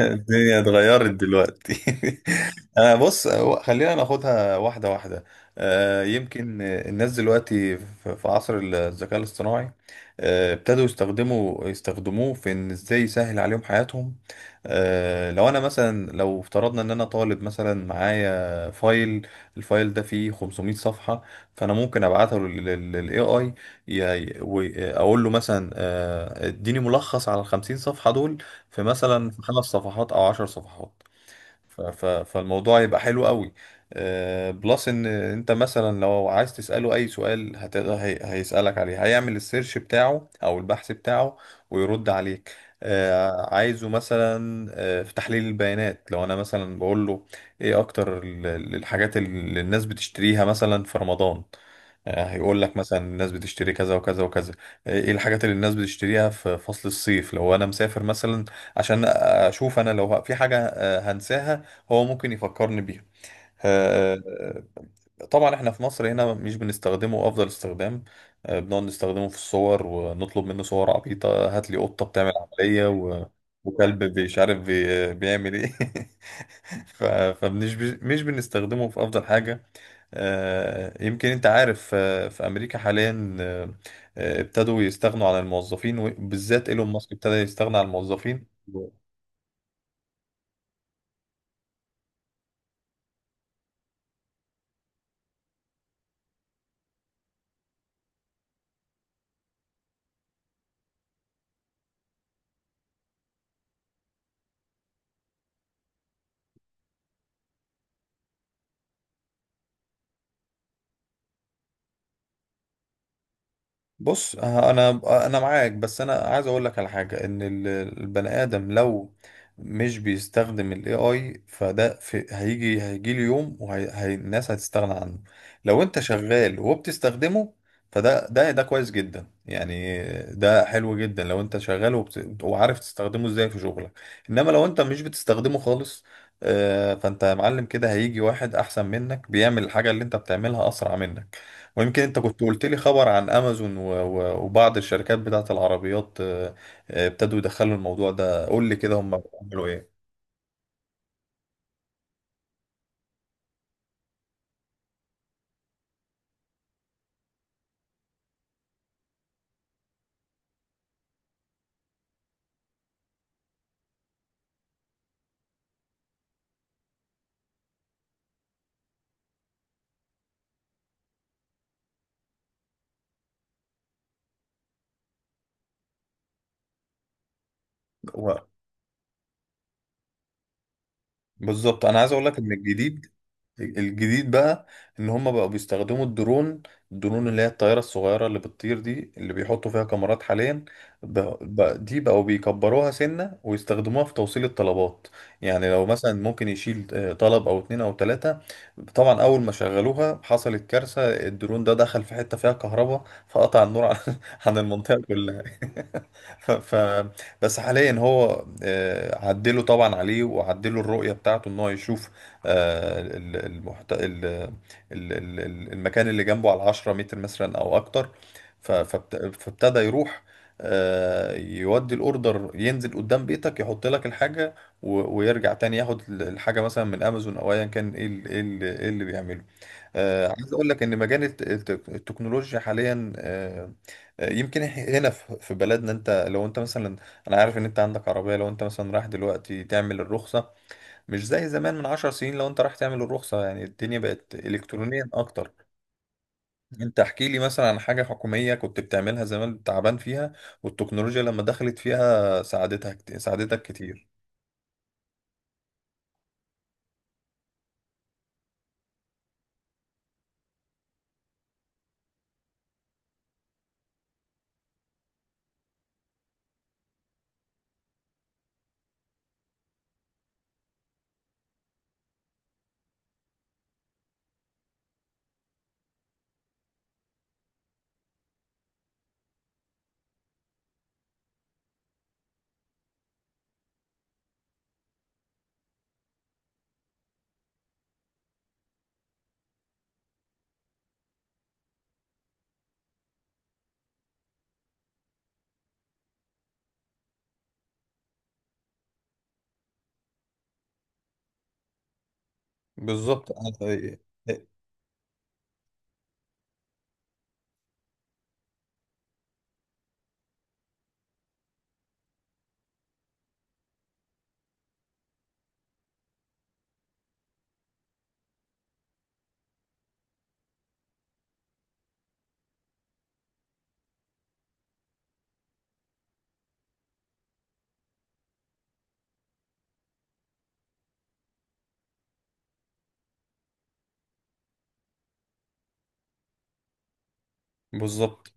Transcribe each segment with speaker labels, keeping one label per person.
Speaker 1: الدنيا اتغيرت دلوقتي. انا بص، خلينا ناخدها واحده واحده. يمكن الناس دلوقتي في عصر الذكاء الاصطناعي. ابتدوا يستخدموه في ان ازاي يسهل عليهم حياتهم. لو انا مثلا، لو افترضنا ان انا طالب مثلا معايا فايل، الفايل ده فيه 500 صفحه. فانا ممكن ابعته للاي اي، اقول له مثلا اديني ملخص على ال 50 صفحه دول. في مثلا في 5 صفحات او 10 صفحات. فالموضوع يبقى حلو قوي. بلس ان انت مثلا لو عايز تسأله اي سؤال، هتقدر هيسألك عليه، هيعمل السيرش بتاعه او البحث بتاعه، ويرد عليك. عايزه مثلا، في تحليل البيانات لو انا مثلا بقول له، ايه اكتر الحاجات اللي الناس بتشتريها مثلا في رمضان؟ هيقول لك مثلا الناس بتشتري كذا وكذا وكذا. ايه الحاجات اللي الناس بتشتريها في فصل الصيف لو انا مسافر مثلا؟ عشان اشوف انا لو في حاجة هنساها، هو ممكن يفكرني بيها. آه، طبعا احنا في مصر هنا مش بنستخدمه افضل استخدام. بنقعد نستخدمه في الصور ونطلب منه صور عبيطة، هات لي قطة بتعمل عملية وكلب مش عارف بيعمل ايه. فمش ب... مش بنستخدمه في افضل حاجة. يمكن انت عارف، في امريكا حاليا، ابتدوا يستغنوا عن الموظفين، وبالذات ايلون ماسك ابتدى يستغنى عن الموظفين. بص، انا معاك، بس انا عايز اقول لك على حاجه ان البني ادم لو مش بيستخدم الاي اي فده في هيجي له يوم والناس هتستغنى عنه. لو انت شغال وبتستخدمه فده ده ده كويس جدا يعني. ده حلو جدا لو انت شغال وعارف تستخدمه ازاي في شغلك. انما لو انت مش بتستخدمه خالص، فانت يا معلم كده هيجي واحد احسن منك بيعمل الحاجه اللي انت بتعملها اسرع منك. ويمكن انت كنت قلت لي خبر عن امازون وبعض الشركات بتاعت العربيات. ابتدوا يدخلوا الموضوع ده. قول لي كده، هم بيعملوا ايه؟ هو- بالظبط، انا عايز اقول لك ان الجديد بقى ان هم بقوا بيستخدموا الدرون. الدرون اللي هي الطيارة الصغيرة اللي بتطير دي، اللي بيحطوا فيها كاميرات حاليا. دي بقوا بيكبروها سنة ويستخدموها في توصيل الطلبات. يعني لو مثلا ممكن يشيل طلب او اتنين او تلاتة. طبعا اول ما شغلوها حصلت كارثة، الدرون ده دخل في حتة فيها كهرباء فقطع النور عن عن المنطقة كلها. ف... ف... بس حاليا هو، عدلوا طبعا عليه وعدلوا الرؤية بتاعته ان هو يشوف آه، ال- المحت... ال- ال- ال- ال- المكان اللي جنبه على 10 متر مثلا او اكتر. فابتدى يروح، يودي الاوردر، ينزل قدام بيتك، يحط لك الحاجه ويرجع تاني ياخد الحاجه مثلا من امازون او ايا كان. إيه اللي بيعمله؟ عايز اقول لك ان مجال التكنولوجيا حاليا. يمكن هنا في بلدنا، انت لو انت مثلا، انا عارف ان انت عندك عربيه، لو انت مثلا رايح دلوقتي تعمل الرخصه، مش زي زمان من 10 سنين. لو انت رايح تعمل الرخصة يعني الدنيا بقت الكترونيا اكتر. انت احكي لي مثلا عن حاجة حكومية كنت بتعملها زمان تعبان فيها، والتكنولوجيا لما دخلت فيها ساعدتك كتير. بالظبط أنا- بالظبط.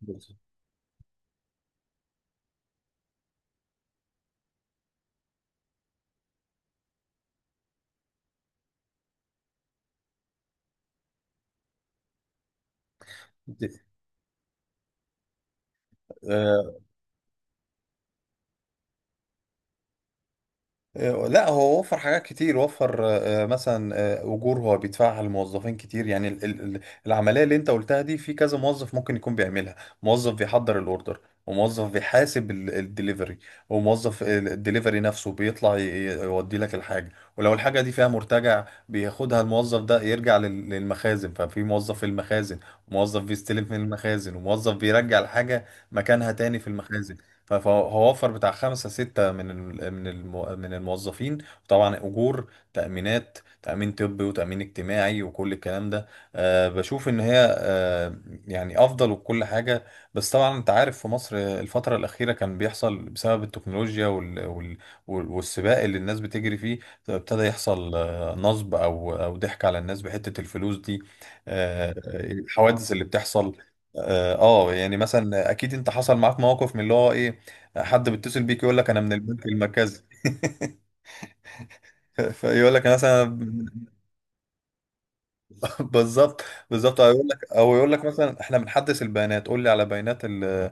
Speaker 1: لا، هو وفر حاجات كتير، وفر مثلا اجور هو بيدفعها للموظفين كتير يعني. العمليه اللي انت قلتها دي في كذا موظف ممكن يكون بيعملها. موظف بيحضر الاوردر، وموظف بيحاسب الدليفري، وموظف الدليفري نفسه بيطلع يودي لك الحاجه. ولو الحاجه دي فيها مرتجع بياخدها الموظف ده يرجع للمخازن، ففي موظف في المخازن، وموظف بيستلم من المخازن، وموظف بيرجع الحاجه مكانها تاني في المخازن. فهو وفر بتاع 5-6 من من الموظفين. طبعا أجور، تأمينات، تأمين طبي وتأمين اجتماعي وكل الكلام ده. بشوف إن هي يعني أفضل وكل حاجة. بس طبعا أنت عارف في مصر الفترة الأخيرة كان بيحصل، بسبب التكنولوجيا والسباق اللي الناس بتجري فيه، ابتدى يحصل نصب أو ضحك على الناس بحتة الفلوس دي. آه، الحوادث اللي بتحصل. اه. يعني مثلا اكيد انت حصل معاك مواقف من اللي هو ايه، حد بيتصل بيك يقول لك انا من البنك المركزي. فيقول لك انا مثلا. بالظبط. بالظبط، او يقول لك مثلا احنا بنحدث البيانات، قول لي على بيانات ال ال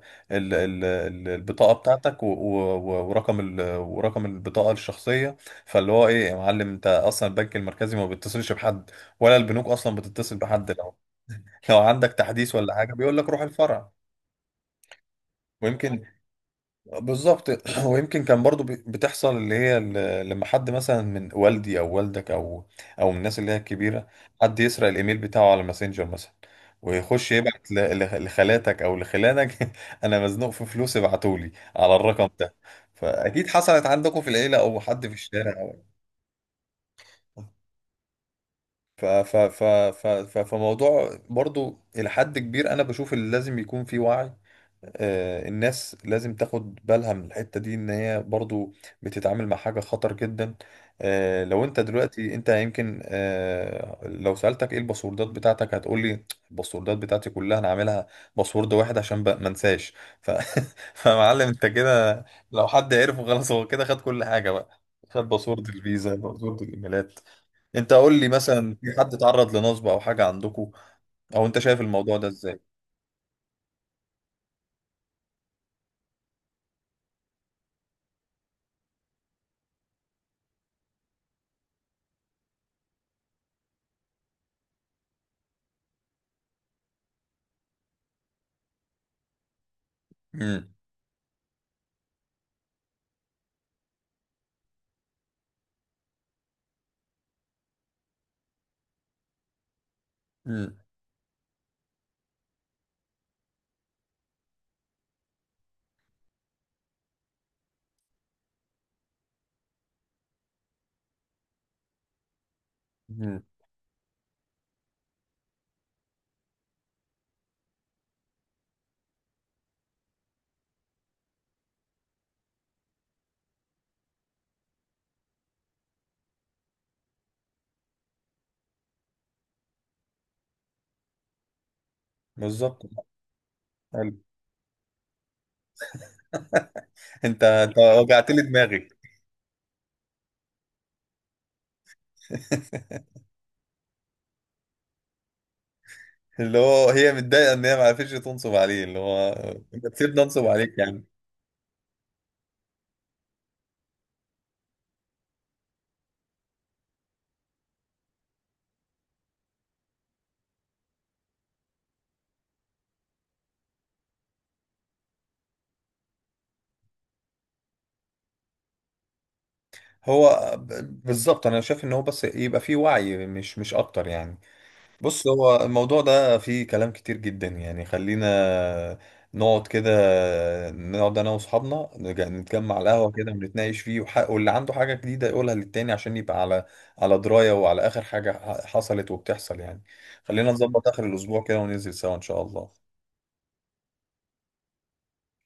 Speaker 1: ال ال- البطاقه بتاعتك، ورقم ورقم البطاقه الشخصيه. فاللي هو ايه يا معلم، انت اصلا البنك المركزي ما بيتصلش بحد، ولا البنوك اصلا بتتصل بحد. لو عندك تحديث ولا حاجه بيقول لك روح الفرع. ويمكن. بالظبط. ويمكن كان برضو بتحصل اللي هي لما حد مثلا من والدي او والدك او من الناس اللي هي الكبيره، حد يسرق الايميل بتاعه على ماسنجر مثلا، ويخش يبعت لخالاتك او لخلانك، انا مزنوق في فلوس، ابعتولي على الرقم ده. فاكيد حصلت عندكم في العيله او حد في الشارع. ف ف ف ف ف فموضوع برضو إلى حد كبير، أنا بشوف اللي لازم يكون فيه وعي. الناس لازم تاخد بالها من الحتة دي ان هي برضو بتتعامل مع حاجة خطر جدا. لو انت دلوقتي انت يمكن، لو سألتك ايه الباسوردات بتاعتك هتقولي الباسوردات بتاعتي كلها انا عاملها باسورد واحد عشان ما انساش. ف... فمعلم انت كده، لو حد عرفه خلاص هو كده خد كل حاجة بقى، خد باسورد الفيزا، باسورد الايميلات. انت قول لي مثلا، في حد اتعرض لنصب او حاجه عندكم؟ او انت شايف الموضوع ده ازاي؟ امم امم امم بالظبط. حلو. انت وجعت لي دماغي. اللي هو هي متضايقه ان هي ما عرفتش تنصب عليه، اللي هو انت تسيبني انصب عليك يعني. هو بالظبط، انا شايف ان هو بس يبقى فيه وعي مش اكتر يعني. بص، هو الموضوع ده فيه كلام كتير جدا يعني. خلينا نقعد كده نقعد انا واصحابنا نتجمع على القهوه كده ونتناقش فيه، واللي عنده حاجه جديده يقولها للتاني عشان يبقى على درايه وعلى اخر حاجه حصلت وبتحصل يعني. خلينا نظبط اخر الاسبوع كده وننزل سوا، ان شاء الله.